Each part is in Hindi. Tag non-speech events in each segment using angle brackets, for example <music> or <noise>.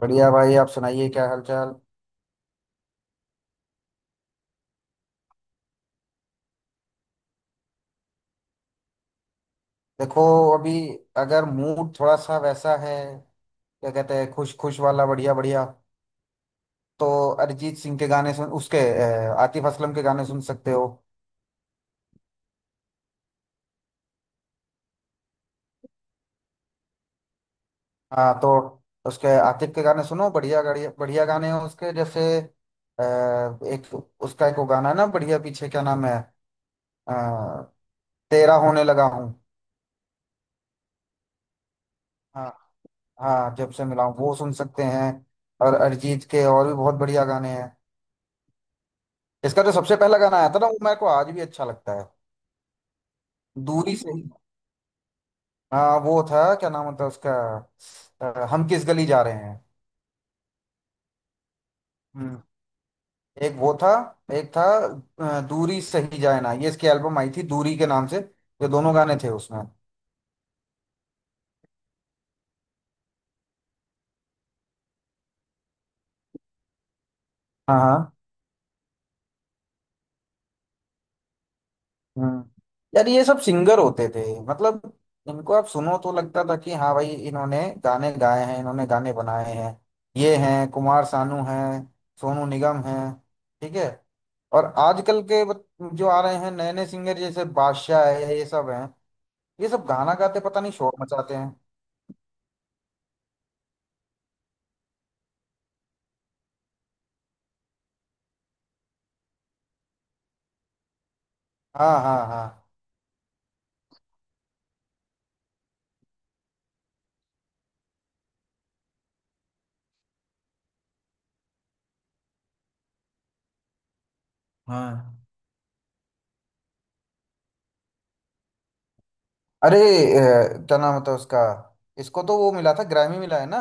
बढ़िया भाई, आप सुनाइए क्या हालचाल। देखो। अभी अगर मूड थोड़ा सा वैसा है, क्या कहते हैं, खुश खुश वाला बढ़िया बढ़िया, तो अरिजीत सिंह के गाने सुन उसके आतिफ असलम के गाने सुन सकते हो। हाँ, तो उसके आतिफ के गाने सुनो, बढ़िया बढ़िया बढ़िया गाने हैं उसके, जैसे एक, उसका एक वो गाना है ना, बढ़िया, पीछे क्या नाम है, अ, तेरा होने लगा हूँ। हाँ, हाँ जब से मिला हूँ, वो सुन सकते हैं। और अरिजीत के और भी बहुत बढ़िया गाने हैं। इसका जो सबसे पहला गाना आया था ना, वो मेरे को आज भी अच्छा लगता है। दूरी से ही। हाँ वो था, क्या नाम होता है उसका, हम किस गली जा रहे हैं। हम्म। एक वो था, एक था, दूरी सही जाए ना, ये इसकी एल्बम आई थी दूरी के नाम से, ये दोनों गाने थे उसमें। हाँ हाँ। हम्म। यार, ये सब सिंगर होते थे, मतलब इनको आप सुनो तो लगता था कि हाँ भाई इन्होंने गाने गाए हैं, इन्होंने गाने बनाए हैं। ये हैं, कुमार सानू हैं, सोनू निगम हैं, ठीक है। और आजकल के जो आ रहे हैं, नए नए सिंगर, जैसे बादशाह है, ये सब हैं, ये सब गाना गाते पता नहीं शोर मचाते हैं। हाँ हाँ हाँ। हाँ अरे क्या नाम होता है उसका, इसको तो वो मिला था, ग्रैमी मिला है ना।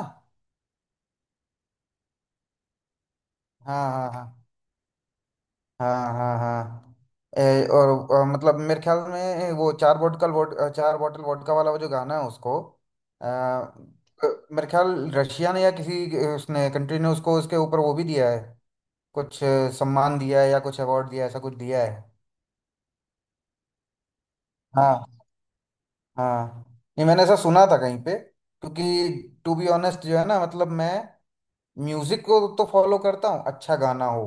हाँ हाँ हाँ। हाँ हाँ हाँ। ए, और, और मतलब मेरे ख्याल में वो चार बोतल वोट चार बोतल वोडका वाला वो जो गाना है उसको, आ, मेरे ख्याल रशिया ने या किसी उसने कंट्री ने उसको उसके ऊपर वो भी दिया है, कुछ सम्मान दिया है या कुछ अवार्ड दिया है, ऐसा कुछ दिया है। हाँ। हाँ। ये मैंने ऐसा सुना था कहीं पे, क्योंकि टू बी ऑनेस्ट जो है ना, मतलब मैं म्यूजिक को तो फॉलो करता हूँ, अच्छा गाना हो,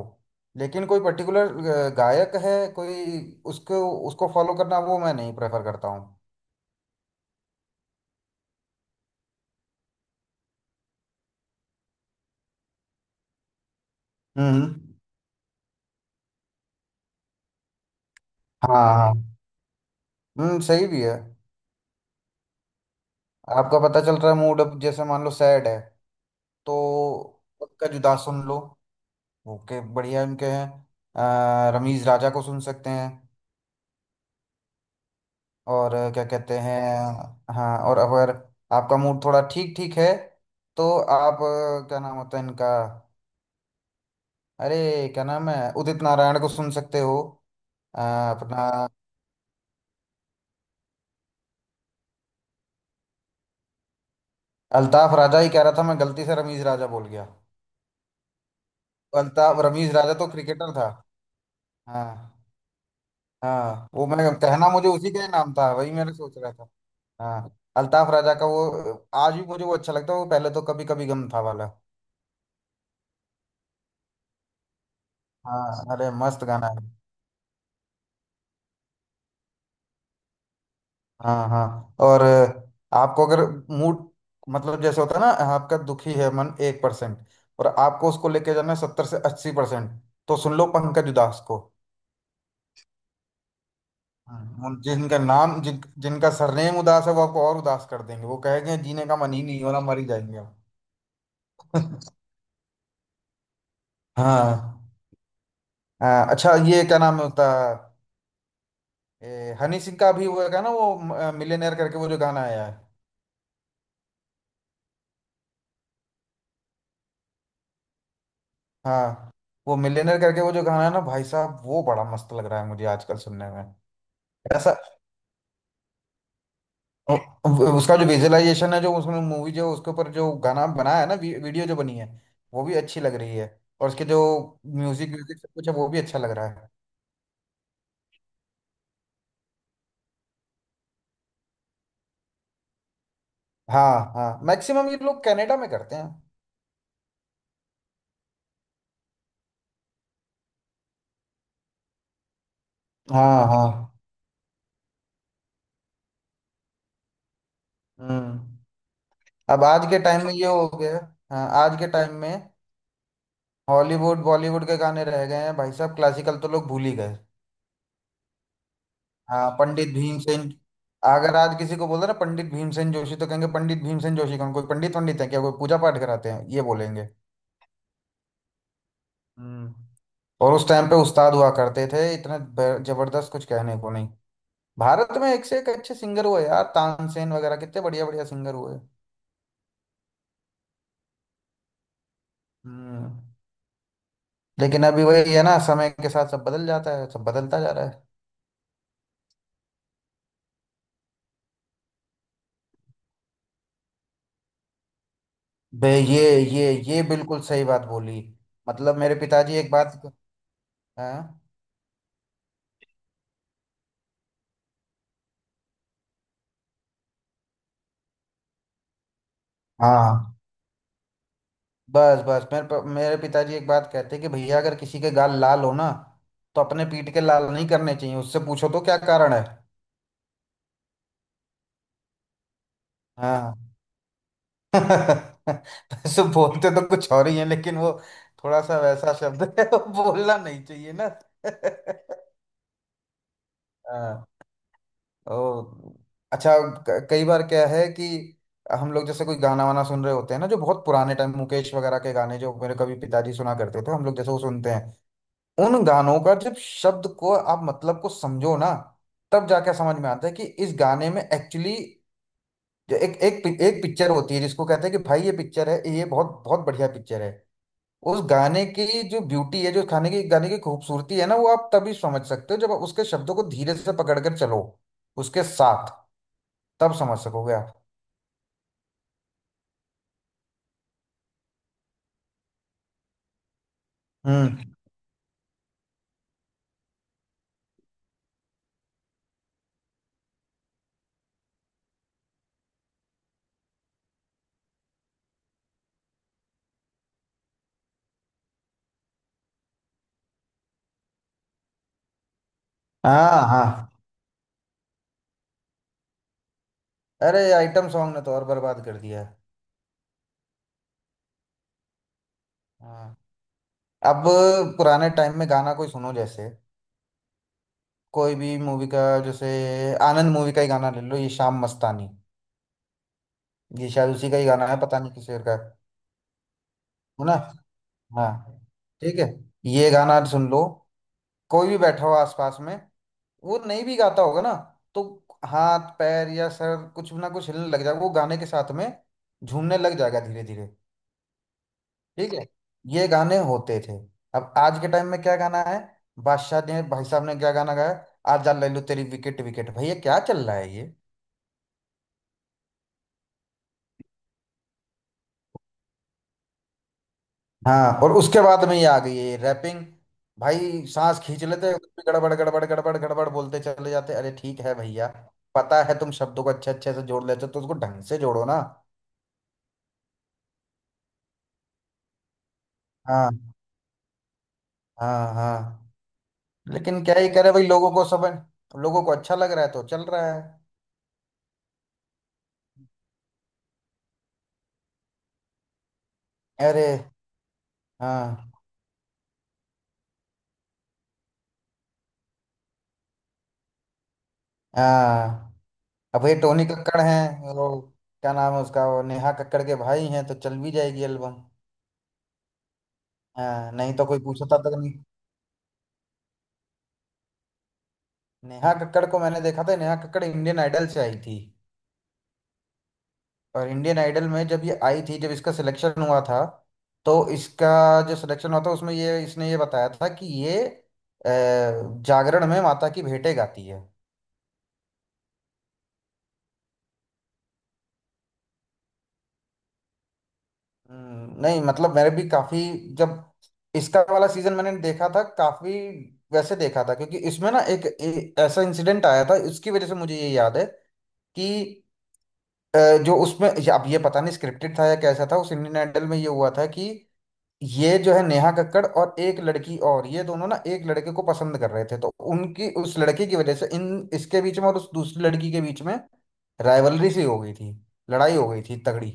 लेकिन कोई पर्टिकुलर गायक है कोई, उसको उसको फॉलो करना वो मैं नहीं प्रेफर करता हूँ। हम्म। हाँ हाँ। हम्म, सही भी है। आपका पता चल रहा है मूड, अब जैसे मान लो सैड है, तो उनका जुदा सुन लो, ओके, बढ़िया उनके हैं, रमीज राजा को सुन सकते हैं। और क्या कहते हैं, हाँ, और अगर आपका मूड थोड़ा ठीक ठीक है, तो आप, क्या नाम होता है इनका, अरे, क्या नाम है, उदित नारायण को सुन सकते हो। अ, अपना अल्ताफ राजा ही कह रहा था, मैं गलती से रमीज राजा बोल गया। अल्ताफ, रमीज राजा तो क्रिकेटर था। हाँ, हाँ वो मैं कहना, मुझे उसी का ही नाम था, वही मैंने सोच रहा था। हाँ, अल्ताफ राजा का वो आज भी मुझे वो अच्छा लगता है, वो पहले तो, कभी कभी गम था वाला। हाँ अरे मस्त गाना है। हाँ हाँ, और आपको अगर मूड, मतलब जैसे होता है ना, आपका दुखी है मन 1%, और आपको उसको लेके जाना है 70 से 80%, तो सुन लो पंकज उदास को। हाँ। जिनका नाम, जिनका सरनेम उदास है, वो आपको और उदास कर देंगे, वो कहेंगे जीने का मन ही नहीं हो ना, मर ही जाएंगे हम। <laughs> हाँ। अच्छा, ये क्या नाम होता है, हनी सिंह का भी हुआ था ना, वो मिलेनियर करके वो जो गाना आया है। हाँ, वो मिलेनियर करके वो जो गाना है ना, भाई साहब वो बड़ा मस्त लग रहा है मुझे आजकल सुनने में, ऐसा, उ- उसका जो विजुअलाइजेशन है, जो उसमें मूवी, जो उसके ऊपर जो गाना बनाया है ना, वीडियो जो बनी है, वो भी अच्छी लग रही है। और उसके जो म्यूजिक म्यूजिक सब कुछ है, वो भी अच्छा लग रहा है। हाँ हाँ, मैक्सिमम ये लोग कनाडा में करते हैं। हाँ हाँ। हम्म। अब आज के टाइम में ये हो गया, हाँ आज के टाइम में हॉलीवुड बॉलीवुड के गाने रह गए हैं भाई साहब, क्लासिकल तो लोग भूल ही गए। हाँ, पंडित भीमसेन, अगर आज किसी को बोल दो ना पंडित भीमसेन जोशी, तो कहेंगे पंडित भीमसेन जोशी कौन, कोई पंडित, पंडित है क्या, कोई पूजा पाठ कराते हैं, ये बोलेंगे। हम्म। और उस टाइम पे उस्ताद हुआ करते थे इतने, जबरदस्त, कुछ कहने को नहीं। भारत में एक से एक अच्छे सिंगर हुए यार, तानसेन वगैरह कितने बढ़िया बढ़िया सिंगर हुए। हम्म। लेकिन अभी वही है ना, समय के साथ सब बदल जाता है, सब बदलता जा रहा है। बे ये बिल्कुल सही बात बोली, मतलब मेरे पिताजी एक बात। हाँ, हाँ बस बस मेरे मेरे पिताजी एक बात कहते कि भैया, अगर किसी के गाल लाल हो ना, तो अपने पीठ के लाल नहीं करने चाहिए, उससे पूछो तो क्या कारण है। हाँ, वैसे बोलते तो कुछ और ही है, लेकिन वो थोड़ा सा वैसा शब्द है, वो बोलना नहीं चाहिए ना। हाँ, ओ, अच्छा, कई बार क्या है कि, हम लोग जैसे कोई गाना वाना सुन रहे होते हैं ना, जो बहुत पुराने टाइम मुकेश वगैरह के गाने जो मेरे कभी पिताजी सुना करते थे, हम लोग जैसे वो सुनते हैं, उन गानों का जब शब्द को आप मतलब को समझो ना, तब जाके समझ में आता है कि इस गाने में एक्चुअली एक एक एक पिक्चर होती है, जिसको कहते हैं कि भाई ये पिक्चर है, ये बहुत बहुत बढ़िया पिक्चर है, उस गाने की जो ब्यूटी है, जो खाने की गाने की खूबसूरती है ना, वो आप तभी समझ सकते हो जब आप उसके शब्दों को धीरे से पकड़ कर चलो उसके साथ, तब समझ सकोगे आप। हम्म। हाँ हाँ, अरे आइटम सॉन्ग ने तो और बर्बाद कर दिया है। हाँ, अब पुराने टाइम में गाना कोई सुनो, जैसे कोई भी मूवी का, जैसे आनंद मूवी का ही गाना ले लो, ये शाम मस्तानी, ये शायद उसी का ही गाना है, पता नहीं किस शेर का है ना। हाँ, ठीक है, ये गाना सुन लो, कोई भी बैठा हो आसपास में, वो नहीं भी गाता होगा ना, तो हाथ पैर या सर कुछ ना कुछ हिलने लग जाएगा वो गाने के साथ में, झूमने लग जाएगा धीरे धीरे। ठीक है, ये गाने होते थे। अब आज के टाइम में क्या गाना है, बादशाह ने भाई साहब ने क्या गाना गाया, आजा ले लो तेरी विकेट विकेट, भैया क्या चल रहा है ये। हाँ, और उसके बाद में ये आ गई है रैपिंग, भाई सांस खींच लेते हैं, उसमें गड़बड़ गड़बड़ गड़बड़ गड़बड़ बोलते चले जाते, अरे ठीक है भैया। पता है, तुम शब्दों को अच्छे अच्छे से जोड़ लेते हो, तो उसको ढंग से जोड़ो ना। हाँ। हाँ हाँ। लेकिन क्या ही करे भाई, लोगों को समझ, लोगों को अच्छा लग रहा है तो चल रहा है। अरे, हाँ। हाँ अब ये टोनी कक्कड़ हैं वो, क्या नाम है उसका, वो नेहा कक्कड़ के भाई हैं, तो चल भी जाएगी एल्बम। हाँ, नहीं तो कोई पूछता तक नहीं। नेहा कक्कड़ को मैंने देखा था, नेहा कक्कड़ इंडियन आइडल से आई थी, और इंडियन आइडल में जब ये आई थी, जब इसका सिलेक्शन हुआ था, तो इसका जो सिलेक्शन हुआ था, उसमें ये इसने ये बताया था कि ये जागरण में माता की भेंटे गाती है। नहीं मतलब मैंने भी काफी, जब इसका वाला सीजन मैंने देखा था, काफी वैसे देखा था, क्योंकि इसमें ना एक, ऐसा इंसिडेंट आया था, उसकी वजह से मुझे ये याद है कि, अ, जो उसमें अब ये पता नहीं स्क्रिप्टेड था या कैसा था, उस इंडियन आइडल में ये हुआ था कि ये जो है नेहा कक्कड़ और एक लड़की, और ये दोनों ना एक लड़के को पसंद कर रहे थे, तो उनकी उस लड़के की वजह से इन इसके बीच में और उस दूसरी लड़की के बीच में, राइवलरी सी हो गई थी, लड़ाई हो गई थी तगड़ी।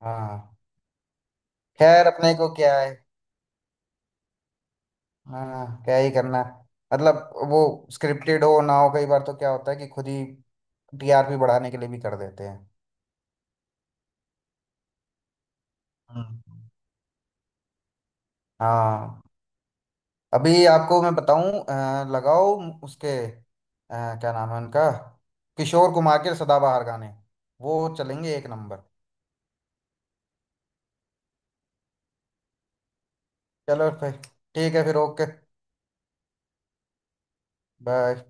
हाँ। खैर, अपने को क्या है, हाँ क्या ही करना है, मतलब वो स्क्रिप्टेड हो ना हो, कई बार तो क्या होता है कि खुद ही टीआरपी बढ़ाने के लिए भी कर देते हैं। हम्म। हाँ, अभी आपको मैं बताऊं, लगाओ उसके, क्या नाम है उनका, किशोर कुमार के सदाबहार गाने, वो चलेंगे एक नंबर। चलो फिर, ठीक है फिर, ओके, बाय।